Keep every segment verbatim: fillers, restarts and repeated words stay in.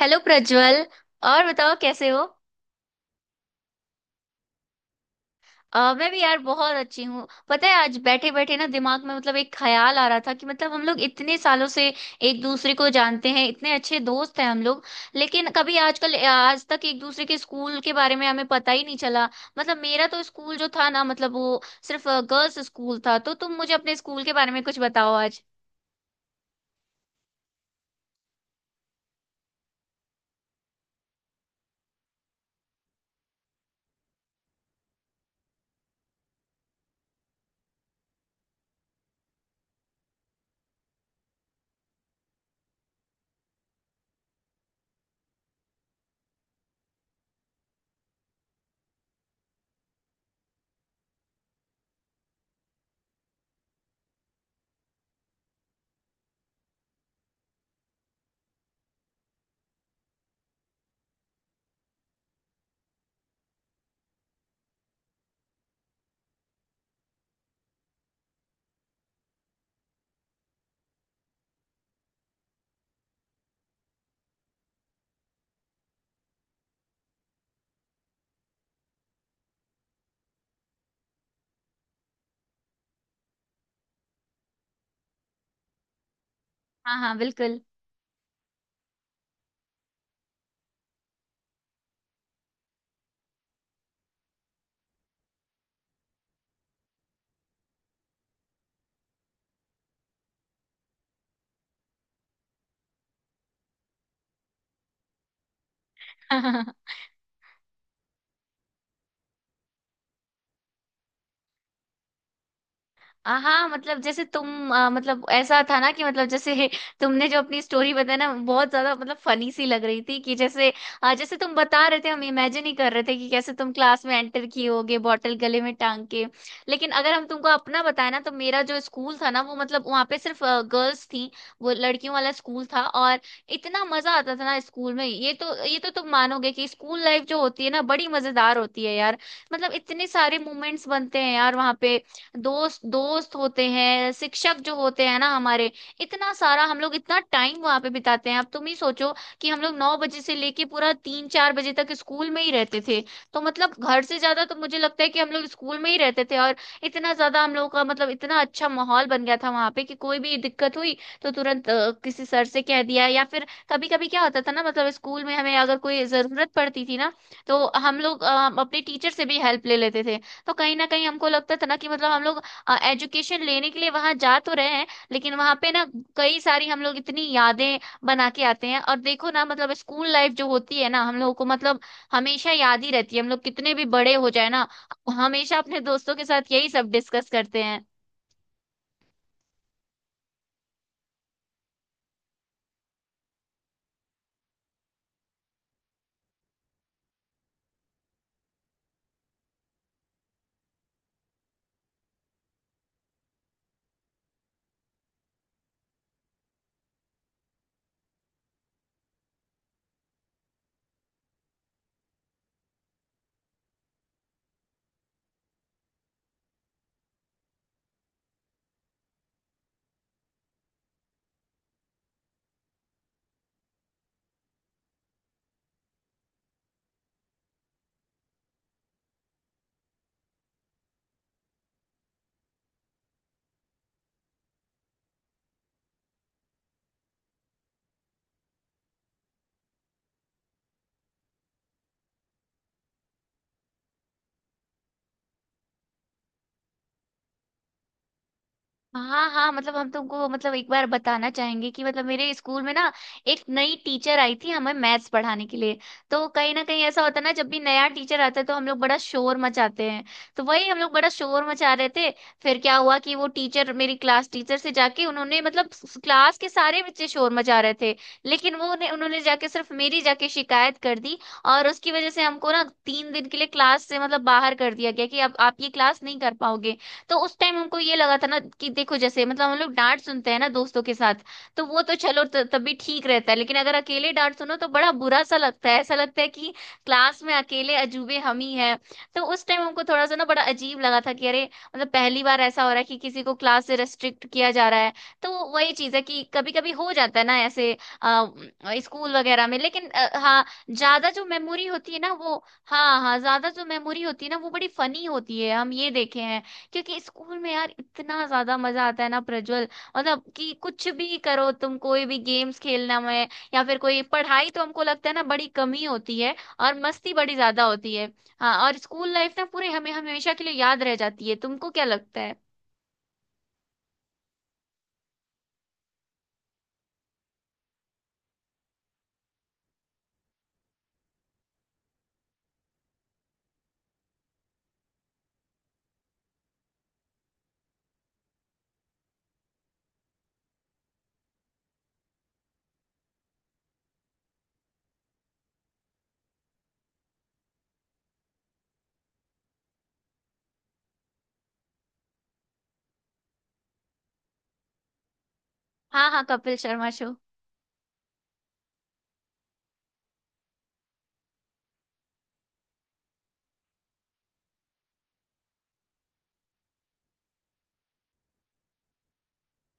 Hello Prajwal. और बताओ कैसे हो। अ, मैं भी यार बहुत अच्छी हूँ। पता है आज बैठे बैठे ना दिमाग में मतलब एक ख्याल आ रहा था कि मतलब हम लोग इतने सालों से एक दूसरे को जानते हैं, इतने अच्छे दोस्त हैं हम लोग। लेकिन कभी आजकल आज तक एक दूसरे के स्कूल के बारे में हमें पता ही नहीं चला। मतलब मेरा तो स्कूल जो था ना, मतलब वो सिर्फ गर्ल्स स्कूल था। तो तुम मुझे अपने स्कूल के बारे में कुछ बताओ आज। हाँ हाँ, बिल्कुल। आ, हाँ, मतलब जैसे तुम आ, मतलब ऐसा था ना कि मतलब जैसे तुमने जो अपनी स्टोरी बताई ना बहुत ज्यादा मतलब फनी सी लग रही थी, कि जैसे आ, जैसे तुम बता रहे थे हम इमेजिन ही कर रहे थे कि कैसे तुम क्लास में एंटर किए होगे बॉटल गले में टांग के। लेकिन अगर हम तुमको अपना बताए ना, तो मेरा जो स्कूल था ना वो मतलब वहाँ पे सिर्फ गर्ल्स थी। वो लड़कियों वाला स्कूल था। और इतना मजा आता था ना स्कूल में, ये तो ये तो तुम मानोगे कि स्कूल लाइफ जो होती है ना बड़ी मजेदार होती है यार। मतलब इतने सारे मोमेंट्स बनते हैं यार वहाँ पे। दोस्त दोस्त होते हैं, शिक्षक जो होते हैं ना हमारे, इतना सारा हम लोग इतना टाइम वहां पे बिताते हैं। अब तुम ही सोचो कि हम लोग नौ बजे से लेके पूरा तीन चार बजे तक स्कूल में ही रहते थे। तो मतलब घर से ज्यादा तो मुझे लगता है कि हम लोग स्कूल में ही रहते थे। और इतना ज्यादा हम लोगों का मतलब इतना अच्छा माहौल बन गया था वहां पे कि कोई भी दिक्कत हुई तो तुरंत अ, किसी सर से कह दिया, या फिर कभी कभी क्या होता था ना, मतलब स्कूल में हमें अगर कोई जरूरत पड़ती थी ना तो हम लोग अ, अपने टीचर से भी हेल्प ले लेते थे। तो कहीं ना कहीं हमको लगता था ना कि मतलब हम लोग एजुकेशन लेने के लिए वहां जा तो रहे हैं, लेकिन वहां पे ना कई सारी हम लोग इतनी यादें बना के आते हैं। और देखो ना, मतलब स्कूल लाइफ जो होती है ना हम लोगों को मतलब हमेशा याद ही रहती है। हम लोग कितने भी बड़े हो जाए ना, हमेशा अपने दोस्तों के साथ यही सब डिस्कस करते हैं। हाँ हाँ, मतलब हम तुमको मतलब एक बार बताना चाहेंगे कि मतलब मेरे स्कूल में ना एक नई टीचर आई थी हमें मैथ्स पढ़ाने के लिए। तो कहीं ना कहीं ऐसा होता है ना, जब भी नया टीचर आता है तो हम लोग बड़ा शोर मचाते हैं। तो वही हम लोग बड़ा शोर मचा रहे थे। फिर क्या हुआ कि वो टीचर मेरी क्लास टीचर से जाके उन्होंने मतलब क्लास के सारे बच्चे शोर मचा रहे थे, लेकिन वो उन्हें- उन्होंने जाके सिर्फ मेरी जाके शिकायत कर दी। और उसकी वजह से हमको ना तीन दिन के लिए क्लास से मतलब बाहर कर दिया गया कि अब आप ये क्लास नहीं कर पाओगे। तो उस टाइम हमको ये लगा था ना कि देखो, जैसे मतलब हम लोग डांट सुनते हैं ना दोस्तों के साथ, तो वो तो चलो त- तब भी ठीक रहता है, लेकिन अगर अकेले डांट सुनो तो बड़ा बुरा सा लगता है। ऐसा लगता है कि क्लास में अकेले अजूबे हम ही हैं। तो उस टाइम हमको थोड़ा सा ना बड़ा अजीब लगा था कि अरे, मतलब पहली बार ऐसा हो रहा है कि किसी को क्लास से रेस्ट्रिक्ट किया जा रहा है। तो वही चीज है कि कभी कभी हो जाता है ना ऐसे अ, स्कूल वगैरह में। लेकिन अ, हाँ, ज्यादा जो मेमोरी होती है ना वो हाँ हाँ, ज्यादा जो मेमोरी होती है ना वो बड़ी फनी होती है, हम ये देखे हैं। क्योंकि स्कूल में यार इतना ज्यादा मजा आता है ना प्रज्वल। मतलब कि कुछ भी करो तुम, कोई भी गेम्स खेलना में या फिर कोई पढ़ाई, तो हमको लगता है ना बड़ी कमी होती है और मस्ती बड़ी ज्यादा होती है। हाँ, और स्कूल लाइफ ना पूरे हमें हमेशा के लिए याद रह जाती है। तुमको क्या लगता है? हाँ हाँ, कपिल शर्मा शो।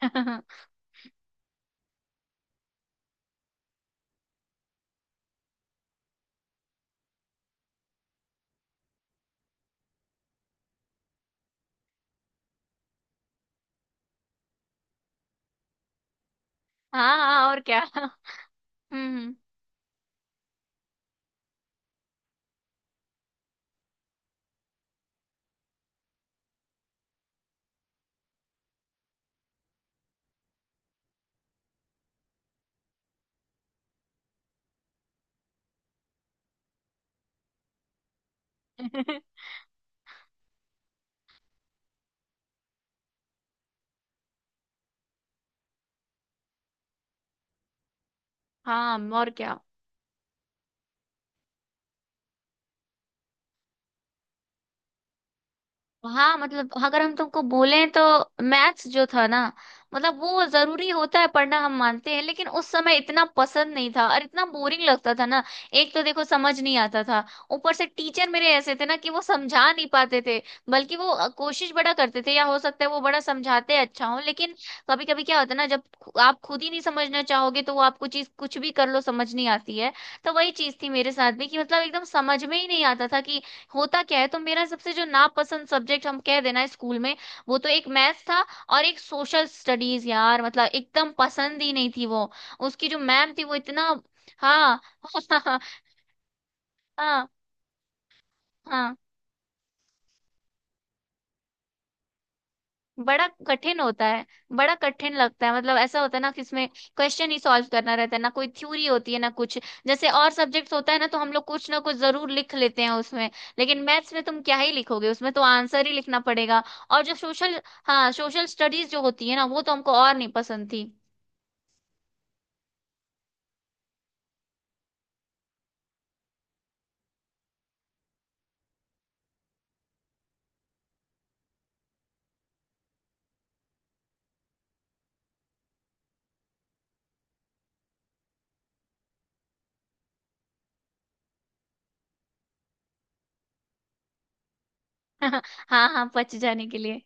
हाँ, हाँ और क्या। हम्म। हाँ, और क्या। हाँ, मतलब अगर हम तुमको बोलें तो मैथ्स जो था ना, मतलब वो जरूरी होता है पढ़ना हम मानते हैं, लेकिन उस समय इतना पसंद नहीं था और इतना बोरिंग लगता था ना। एक तो देखो समझ नहीं आता था, ऊपर से टीचर मेरे ऐसे थे ना कि वो समझा नहीं पाते थे। बल्कि वो अ, कोशिश बड़ा करते थे, या हो सकता है वो बड़ा समझाते अच्छा हो, लेकिन कभी कभी क्या होता है ना, जब खु- आप खुद ही नहीं समझना चाहोगे तो वो आपको चीज कुछ भी कर लो समझ नहीं आती है। तो वही चीज थी मेरे साथ भी कि मतलब एकदम समझ में ही नहीं आता था कि होता क्या है। तो मेरा सबसे जो नापसंद सब्जेक्ट हम कह देना है स्कूल में वो तो एक मैथ्स था, और एक सोशल स्टडीज यार, मतलब एकदम पसंद ही नहीं थी वो। उसकी जो मैम थी वो इतना। हाँ। हाँ हाँ, हाँ, बड़ा कठिन होता है। बड़ा कठिन लगता है, मतलब ऐसा होता है ना कि इसमें क्वेश्चन ही सॉल्व करना रहता है ना, कोई थ्योरी होती है ना कुछ। जैसे और सब्जेक्ट्स होता है ना तो हम लोग कुछ ना कुछ जरूर लिख लेते हैं उसमें, लेकिन मैथ्स में तुम क्या ही लिखोगे, उसमें तो आंसर ही लिखना पड़ेगा। और जो सोशल हाँ, सोशल स्टडीज जो होती है ना वो तो हमको और नहीं पसंद थी। हाँ हाँ, पच जाने के लिए।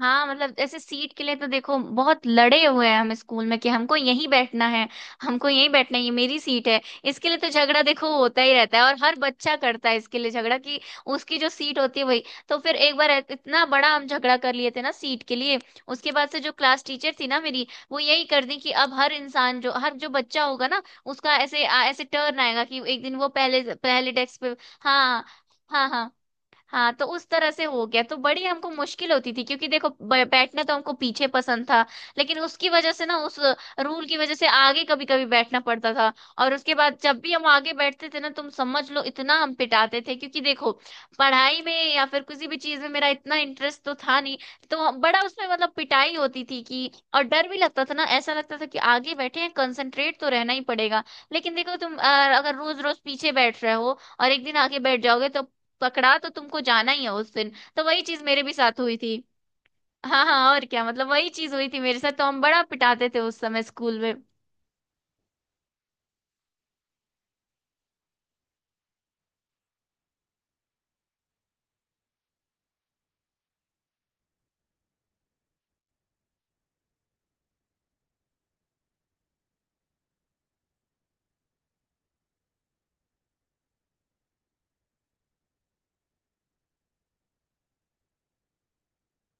हाँ, मतलब ऐसे सीट के लिए तो देखो बहुत लड़े हुए हैं हम स्कूल में कि हमको यहीं बैठना है, हमको यहीं बैठना है, ये मेरी सीट है। इसके लिए तो झगड़ा देखो होता ही रहता है, और हर बच्चा करता है इसके लिए झगड़ा कि उसकी जो सीट होती है वही। तो फिर एक बार ऐ- इतना बड़ा हम झगड़ा कर लिए थे ना सीट के लिए। उसके बाद से जो क्लास टीचर थी ना मेरी, वो यही कर दी कि अब हर इंसान जो हर जो बच्चा होगा ना उसका ऐसे आ- ऐसे टर्न आएगा कि एक दिन वो पहले पहले डेस्क पे। हाँ। हाँ हाँ। हाँ, तो उस तरह से हो गया तो बड़ी हमको मुश्किल होती थी, क्योंकि देखो ब- बैठना तो हमको पीछे पसंद था, लेकिन उसकी वजह से ना, उस रूल की वजह से आगे कभी कभी बैठना पड़ता था। और उसके बाद जब भी हम आगे बैठते थे ना, तुम समझ लो इतना हम पिटाते थे, क्योंकि देखो पढ़ाई में या फिर किसी भी चीज में मेरा इतना इंटरेस्ट तो था नहीं। तो हम- बड़ा उसमें मतलब पिटाई होती थी कि, और डर भी लगता था ना, ऐसा लगता था कि आगे बैठे हैं कंसंट्रेट तो रहना ही पड़ेगा। लेकिन देखो तुम अ, अगर रोज रोज पीछे बैठ रहे हो और एक दिन आगे बैठ जाओगे तो पकड़ा तो तुमको जाना ही है उस दिन। तो वही चीज मेरे भी साथ हुई थी। हाँ हाँ, और क्या, मतलब वही चीज हुई थी मेरे साथ, तो हम बड़ा पिटाते थे उस समय स्कूल में।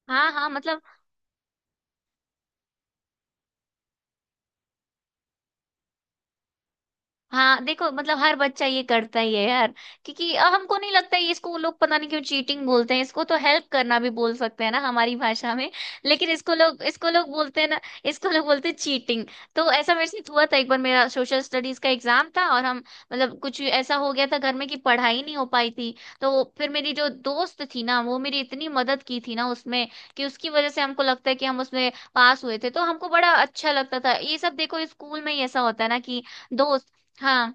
हाँ हाँ, मतलब हाँ, देखो मतलब हर बच्चा ये करता ही है यार, क्योंकि अ, हमको नहीं लगता है, इसको लोग पता नहीं क्यों चीटिंग बोलते हैं। इसको तो हेल्प करना भी बोल सकते हैं ना हमारी भाषा में, लेकिन इसको लोग इसको लोग बोलते हैं ना, इसको लोग बोलते हैं चीटिंग। तो ऐसा मेरे साथ हुआ था, एक बार मेरा सोशल स्टडीज का एग्जाम था और हम मतलब कुछ ऐसा हो गया था घर में कि पढ़ाई नहीं हो पाई थी। तो फिर मेरी जो दोस्त थी ना वो मेरी इतनी मदद की थी ना उसमें, कि उसकी वजह से हमको लगता है कि हम उसमें पास हुए थे। तो हमको बड़ा अच्छा लगता था ये सब। देखो स्कूल में ही ऐसा होता है ना कि दोस्त। हाँ,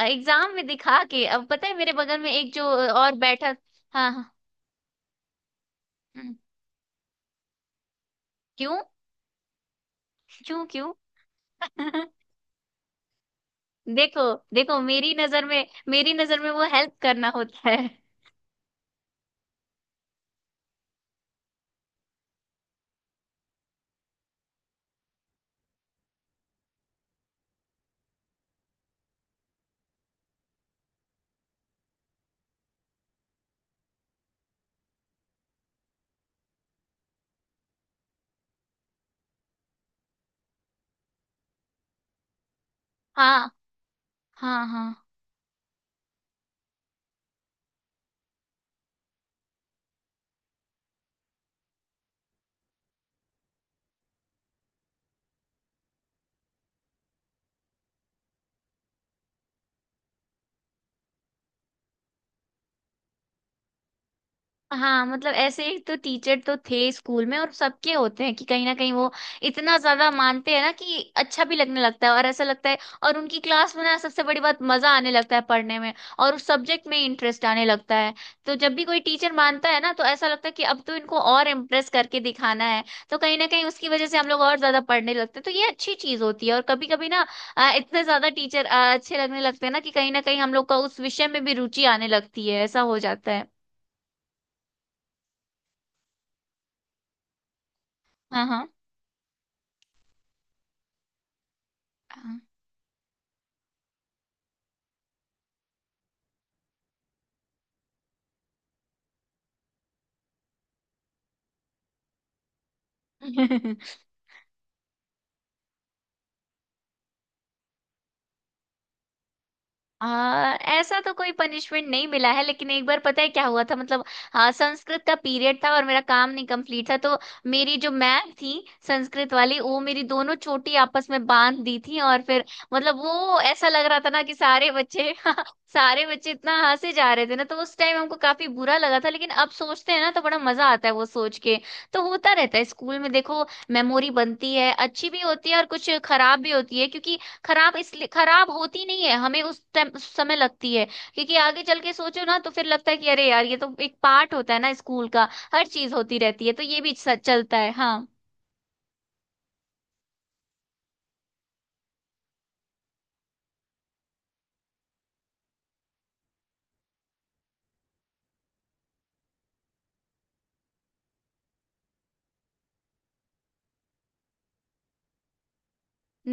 एग्जाम में दिखा के अब पता है मेरे बगल में एक जो और बैठा। हाँ। हाँ। हम्म, क्यों? क्यों? क्यों? देखो। देखो, मेरी नजर में मेरी नजर में वो हेल्प करना होता है। हाँ। हाँ हाँ। हाँ, मतलब ऐसे ही तो टीचर तो थे स्कूल में, और सबके होते हैं कि कहीं ना कहीं वो इतना ज्यादा मानते हैं ना कि अच्छा भी लगने लगता है, और ऐसा लगता है और उनकी क्लास में ना सबसे बड़ी बात मजा आने लगता है पढ़ने में, और उस सब्जेक्ट में इंटरेस्ट आने लगता है। तो जब भी कोई टीचर मानता है ना तो ऐसा लगता है कि अब तो इनको और इम्प्रेस करके दिखाना है। तो कहीं ना कहीं उसकी वजह से हम लोग और ज्यादा पढ़ने लगते हैं, तो ये अच्छी चीज होती है, और कभी कभी ना अ, इतने ज्यादा टीचर अ, अच्छे लगने लगते हैं ना कि कहीं ना कहीं हम लोग का उस विषय में भी रुचि आने लगती है, ऐसा हो जाता है। हाँ। हाँ। आ, ऐसा तो कोई पनिशमेंट नहीं मिला है, लेकिन एक बार पता है क्या हुआ था, मतलब हाँ, संस्कृत का पीरियड था और मेरा काम नहीं कंप्लीट था, तो मेरी जो मैम थी संस्कृत वाली, वो मेरी दोनों चोटी आपस में बांध दी थी। और फिर मतलब वो ऐसा लग रहा था ना कि सारे बच्चे सारे बच्चे इतना हंसे जा रहे थे ना, तो उस टाइम हमको काफी बुरा लगा था, लेकिन अब सोचते हैं ना तो बड़ा मजा आता है वो सोच के। तो होता रहता है स्कूल में, देखो मेमोरी बनती है, अच्छी भी होती है और कुछ खराब भी होती है, क्योंकि खराब इसलिए खराब होती नहीं है, हमें उस टाइम उस समय लगती है, क्योंकि आगे चल के सोचो ना तो फिर लगता है कि अरे यार, ये तो एक पार्ट होता है ना स्कूल का, हर चीज होती रहती है तो ये भी सच चलता है। हाँ।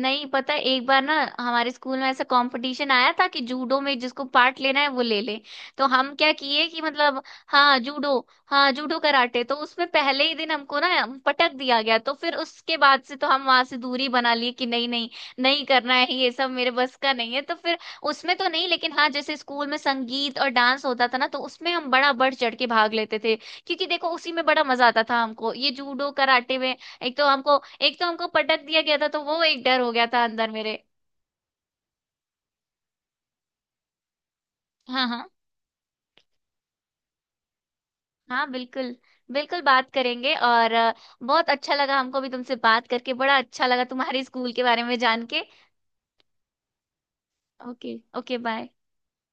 नहीं, पता है एक बार ना हमारे स्कूल में ऐसा कंपटीशन आया था कि जूडो में जिसको पार्ट लेना है वो ले ले। तो हम क्या किए कि मतलब। हाँ, जूडो। हाँ, जूडो कराटे, तो उसमें पहले ही दिन हमको ना पटक दिया गया, तो फिर उसके बाद से तो हम वहां से दूरी बना लिए कि नहीं नहीं, नहीं करना है ये सब मेरे बस का नहीं है। तो फिर उसमें तो नहीं, लेकिन हाँ, जैसे स्कूल में संगीत और डांस होता था ना, तो उसमें हम बड़ा बढ़ चढ़ के भाग लेते थे, क्योंकि देखो उसी में बड़ा मजा आता था हमको। ये जूडो कराटे में एक तो हमको एक तो हमको पटक दिया गया था, तो वो एक डर हो गया था अंदर मेरे। हाँ हाँ। हाँ, बिल्कुल। बिल्कुल बात करेंगे, और अ, बहुत अच्छा लगा हमको भी तुमसे बात करके, बड़ा अच्छा लगा तुम्हारे स्कूल के बारे में जान के। Okay okay, bye.